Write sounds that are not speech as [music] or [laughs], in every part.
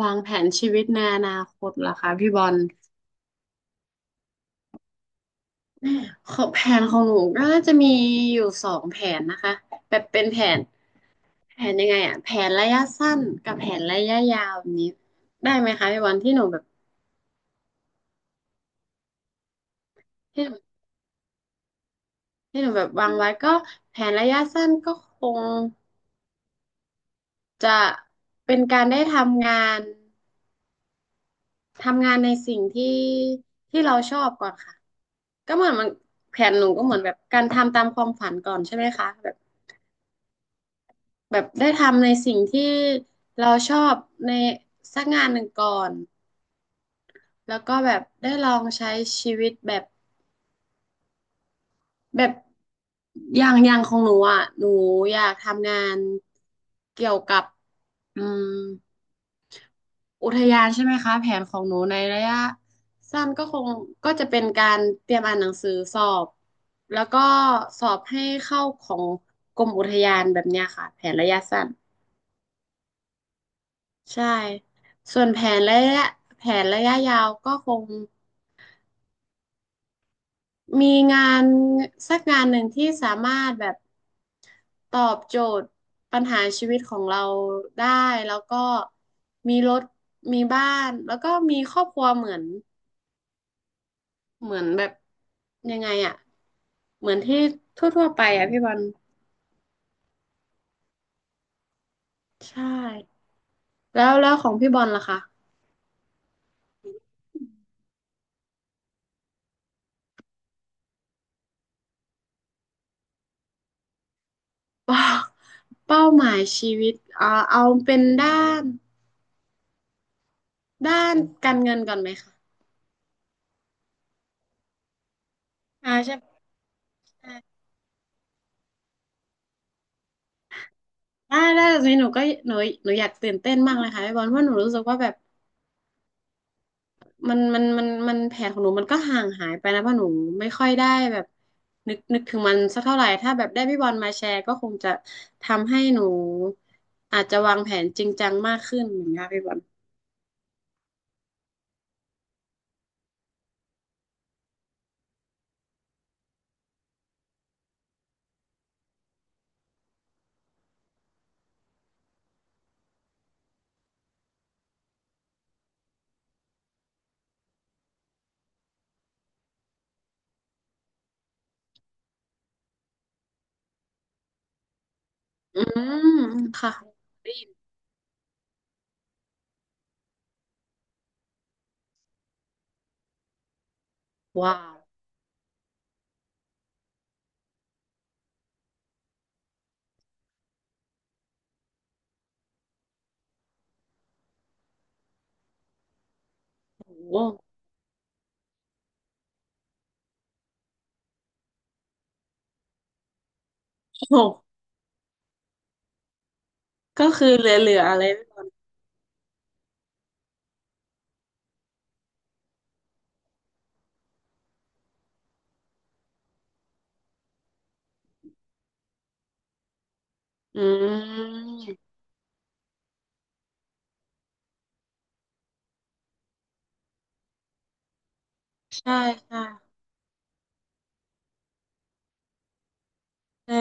วางแผนชีวิตในอนาคตเหรอคะพี่บอลของแผนของหนูก็น่าจะมีอยู่สองแผนนะคะแบบเป็นแผนแผนยังไงอะแผนระยะสั้นกับแผนระยะยาวแบบนี้ได้ไหมคะพี่บอลที่หนูแบบที่หนูที่หนูแบบวางไว้ก็แผนระยะสั้นก็คงจะเป็นการได้ทำงานทำงานในสิ่งที่ที่เราชอบก่อนค่ะก็เหมือนมันแผนหนูก็เหมือนแบบการทำตามความฝันก่อนใช่ไหมคะแบบ แบบได้ทำในสิ่งที่เราชอบในสักงานหนึ่งก่อนแล้วก็แบบได้ลองใช้ชีวิตแบบแบบอย่างของหนูอ่ะหนูอยากทำงานเกี่ยวกับอืมอุทยานใช่ไหมคะแผนของหนูในระยะสั้นก็คงก็จะเป็นการเตรียมอ่านหนังสือสอบแล้วก็สอบให้เข้าของกรมอุทยานแบบเนี้ยค่ะแผนระยะสั้น ใช่ส่วนแผนระยะยาวก็คงมีงานสักงานหนึ่งที่สามารถแบบตอบโจทย์ปัญหาชีวิตของเราได้แล้วก็มีรถมีบ้านแล้วก็มีครอบครัวเหมือนแบบยังไงอะเหมือนที่ทั่วๆไปอะพี่บอลใช่แล้วของพี่บอลล่ะ [laughs] คะเป้าเป้าหมายชีวิตเอาเป็นนด้านการเงินก่อนไหมคะ อ่าใช่ใช่ได้ได้แต่ทีนนี้หนูก็หนูหนูอยากตื่นเต้นมากเลยค่ะพี่บอลเพราะหนูรู้สึกว่าแบบมันแผนของหนูมันก็ห่างหายไปนะเพราะหนูไม่ค่อยได้แบบนึกนึกถึงมันสักเท่าไหร่ถ้าแบบได้พี่บอลมาแชร์ก็คงจะทำให้หนูอาจจะวางแผนจริงจังมากขึ้นเหมือนกันพี่บอลอืมค่ะได้ยินว้าวโอ้โหโอ้โหก็คือเหลือๆอะไรอืมใช่ใช่เออ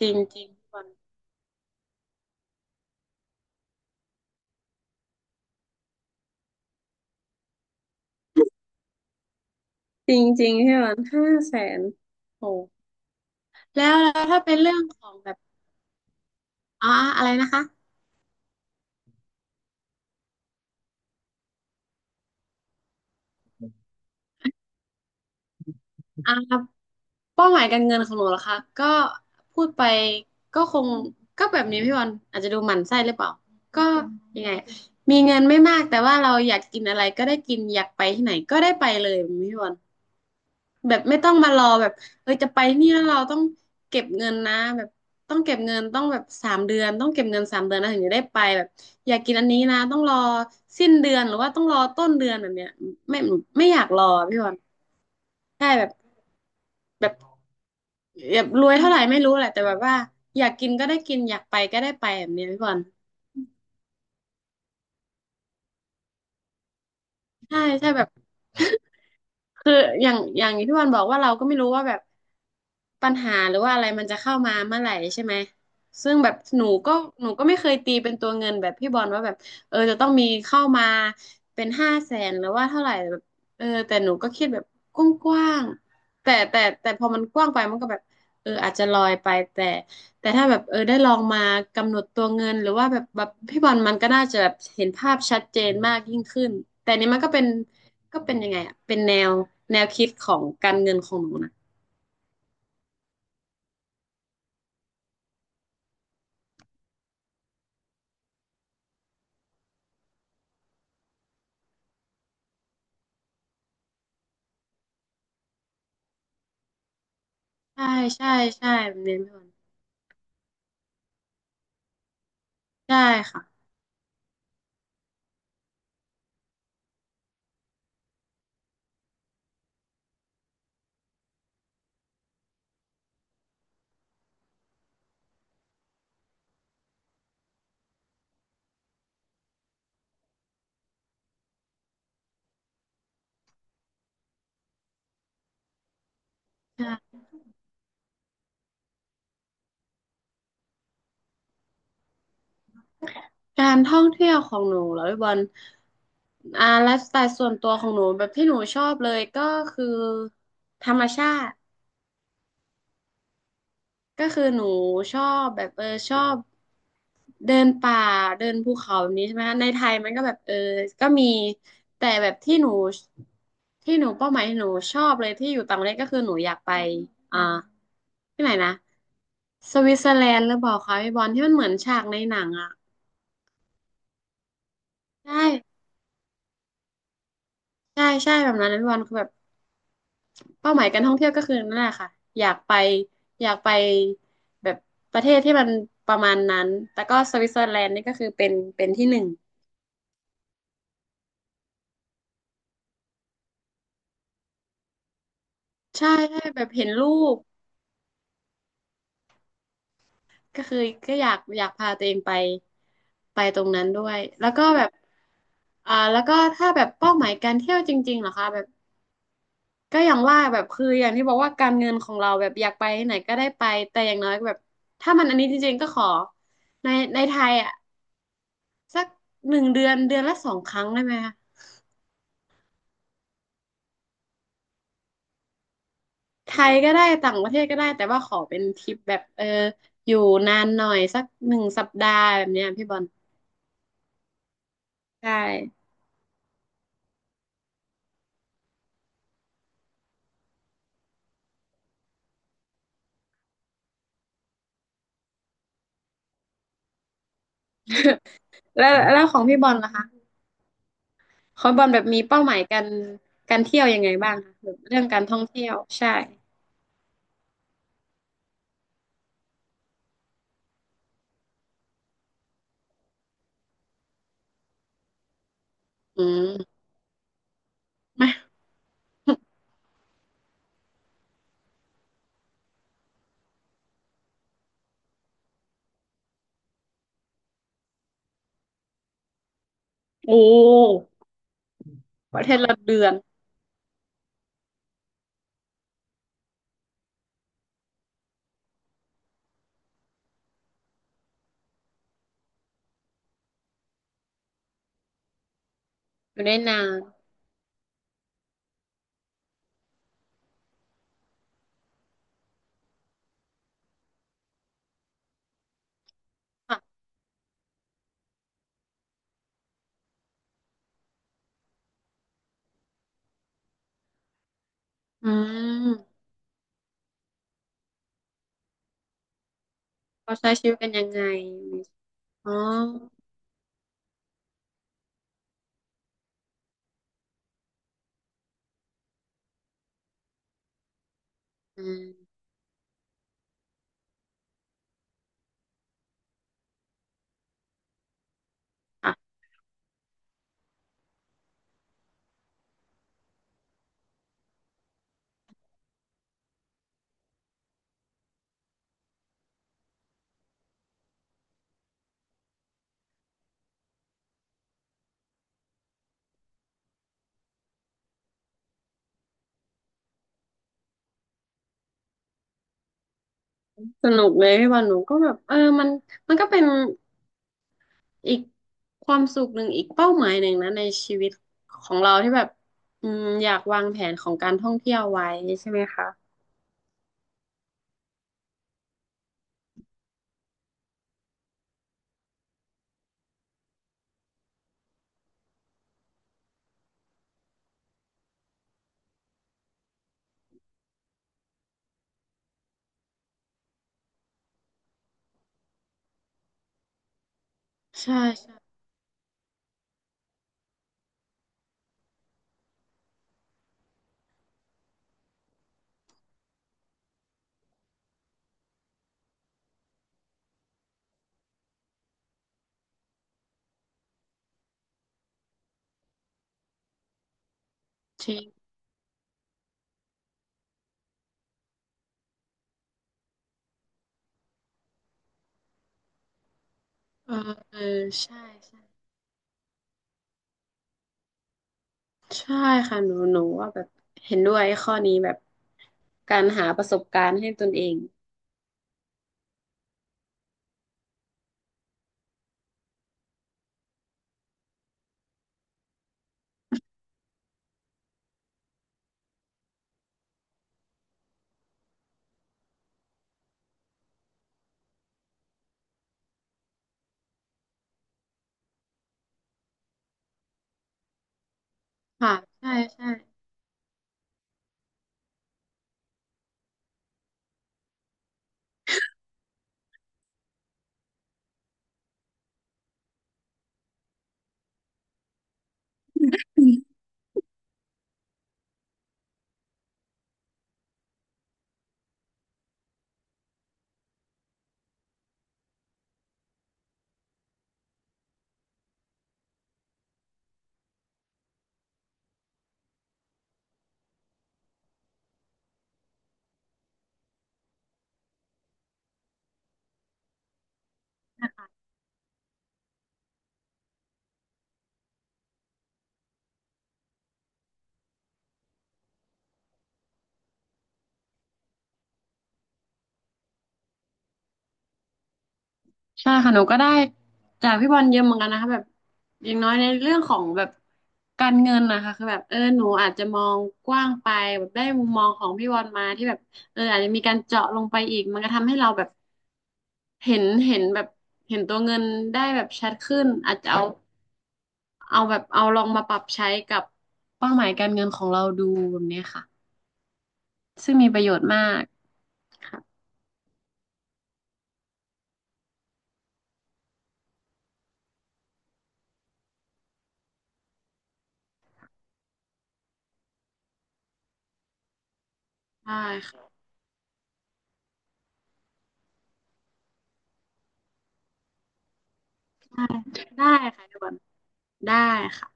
จริงจริง จริงๆใช่ไหม500,000โอ้แล้วถ้าเป็นเรื่องของแบบอ่าอะไรนะคะอ่าเป้าหมายการเงินของหนูเหรอคะก็พูดไปก็คงก็แบบนี้พี่วันอาจจะดูหมั่นไส้หรือเปล่าก็ยังไงมีเงินไม่มากแต่ว่าเราอยากกินอะไรก็ได้กินอยากไปที่ไหนก็ได้ไปเลยพี่วัน แบบไม่ต้องมารอแบบเอ้ยจะไปนี่แล้วเราต้องเก็บเงินนะแบบต้องเก็บเงินต้องแบบสามเดือนต้องเก็บเงินสามเดือนนะถึงจะได้ไปแบบอยากกินอันนี้นะต้องรอสิ้นเดือนหรือว่าต้องรอต้นเดือนแบบเนี้ยไม่ไม่อยากรอพี่บอลใช่แบบแบบแบบรวยเท่าไหร่ไม่รู้แหละแต่แบบว่าอยากกินก็ได้กินอยากไปก็ได้ไปแบบเนี้ยพี่บอลใช่ใช่แบบ คืออย่างที่พี่บอลบอกว่าเราก็ไม่รู้ว่าแบบปัญหาหรือว่าอะไรมันจะเข้ามาเมื่อไหร่ใช่ไหมซึ่งแบบหนูก็ไม่เคยตีเป็นตัวเงินแบบพี่บอลว่าแบบเออจะต้องมีเข้ามาเป็นห้าแสนหรือว่าเท่าไหร่แบบเออแต่หนูก็คิดแบบกว้างๆแต่พอมันกว้างไปมันก็แบบเอออาจจะลอยไปแต่แต่ถ้าแบบเออได้ลองมากำหนดตัวเงินหรือว่าแบบแบบพี่บอลมันก็น่าจะแบบเห็นภาพชัดเจนมากยิ่งขึ้นแต่อันนี้มันก็เป็น ก็เป็นยังไงอ่ะเป็นแนวคิดของการเงินของหนูนะใช่ใช่ใช่เน้นพี่บอลใช่ค่ะใช่การท่องเที่ยวของหนูเหรอพี่บอลไลฟ์สไตล์ส่วนตัวของหนูแบบที่หนูชอบเลยก็คือธรรมชาติ ก็คือหนูชอบแบบเออชอบเดินป่าเดินภูเขาแบบนี้ใช่ไหมคะในไทยมันก็แบบเออก็มีแต่แบบที่หนูเป้าหมายที่หนูชอบเลยที่อยู่ต่างประเทศก็คือหนูอยากไปอ่าที่ไหนนะสวิตเซอร์แลนด์หรือเปล่าคะพี่บอลที่มันเหมือนฉากในหนังอ่ะใช่ใช่ใช่แบบนั้นนะพี่บอลคือแบบเป้าหมายการท่องเที่ยวก็คือนั่นแหละค่ะอยากไปอยากไปแบบประเทศที่มันประมาณนั้นแต่ก็สวิตเซอร์แลนด์นี่ก็คือเป็นที่หนึ่ง ใช่ใช่แบบเห็นรูปก็คือก็อยากพาตัวเองไปไปตรงนั้นด้วยแล้วก็แบบแล้วก็ถ้าแบบเป้าหมายการเที่ยวจริงๆเหรอคะแบบก็อย่างว่าแบบคืออย่างที่บอกว่าการเงินของเราแบบอยากไปที่ไหนก็ได้ไปแต่อย่างน้อยแบบถ้ามันอันนี้จริงๆก็ขอในในไทยอ่ะสัก1 เดือนเดือนละสองครั้งได้ไหมคะไทยก็ได้ต่างประเทศก็ได้แต่ว่าขอเป็นทริปแบบเอออยู่นานหน่อยสัก1 สัปดาห์แบบเนี้ยพี่บอลใช่ แล้วของพี่บอลล่ะคะของบอลแบบมีเป้าหมายการเที่ยวยังไงบ้างคะแบบเรื่องการท่องเที่ยวใช่อืมมาโอ้ประเทศละเดือนอยู่ได้นานค่ะอืมเขาใช้ชีวิตกันยังไงอ๋ออืมค่ะสนุกเลยพี่บอลหนูก็แบบเออมันมันก็เป็นอีกความสุขหนึ่งอีกเป้าหมายหนึ่งนะในชีวิตของเราที่แบบอยากวางแผนของการท่องเที่ยวไว้ใช่ไหมคะใช่ใช่ เออเออใช่ใช่ใช่ค่ะหนูว่าแบบเห็นด้วยข้อนี้แบบการหาประสบการณ์ให้ตนเองค่ะใช่ใช่ใช่ค่ะหนูก็ได้จากพี่บอลเยอะเหมือนกันนะคะแบบอย่างน้อยในเรื่องของแบบการเงินนะคะคือแบบเออหนูอาจจะมองกว้างไปแบบได้มุมมองของพี่บอลมาที่แบบเอออาจจะมีการเจาะลงไปอีกมันก็ทำให้เราแบบเห็นแบบเห็นตัวเงินได้แบบชัดขึ้นอาจจะเอา เอาแบบเอาลองมาปรับใช้กับเป้าหมายการเงินของเราดูแบบเนี้ยค่ะซึ่งมีประโยชน์มากค่ะได้ค่ะได้ได้ค่ะทุกคนได้ค่ะ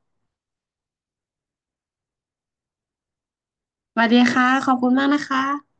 สวัสดีค่ะขอบคุณมากนะคะ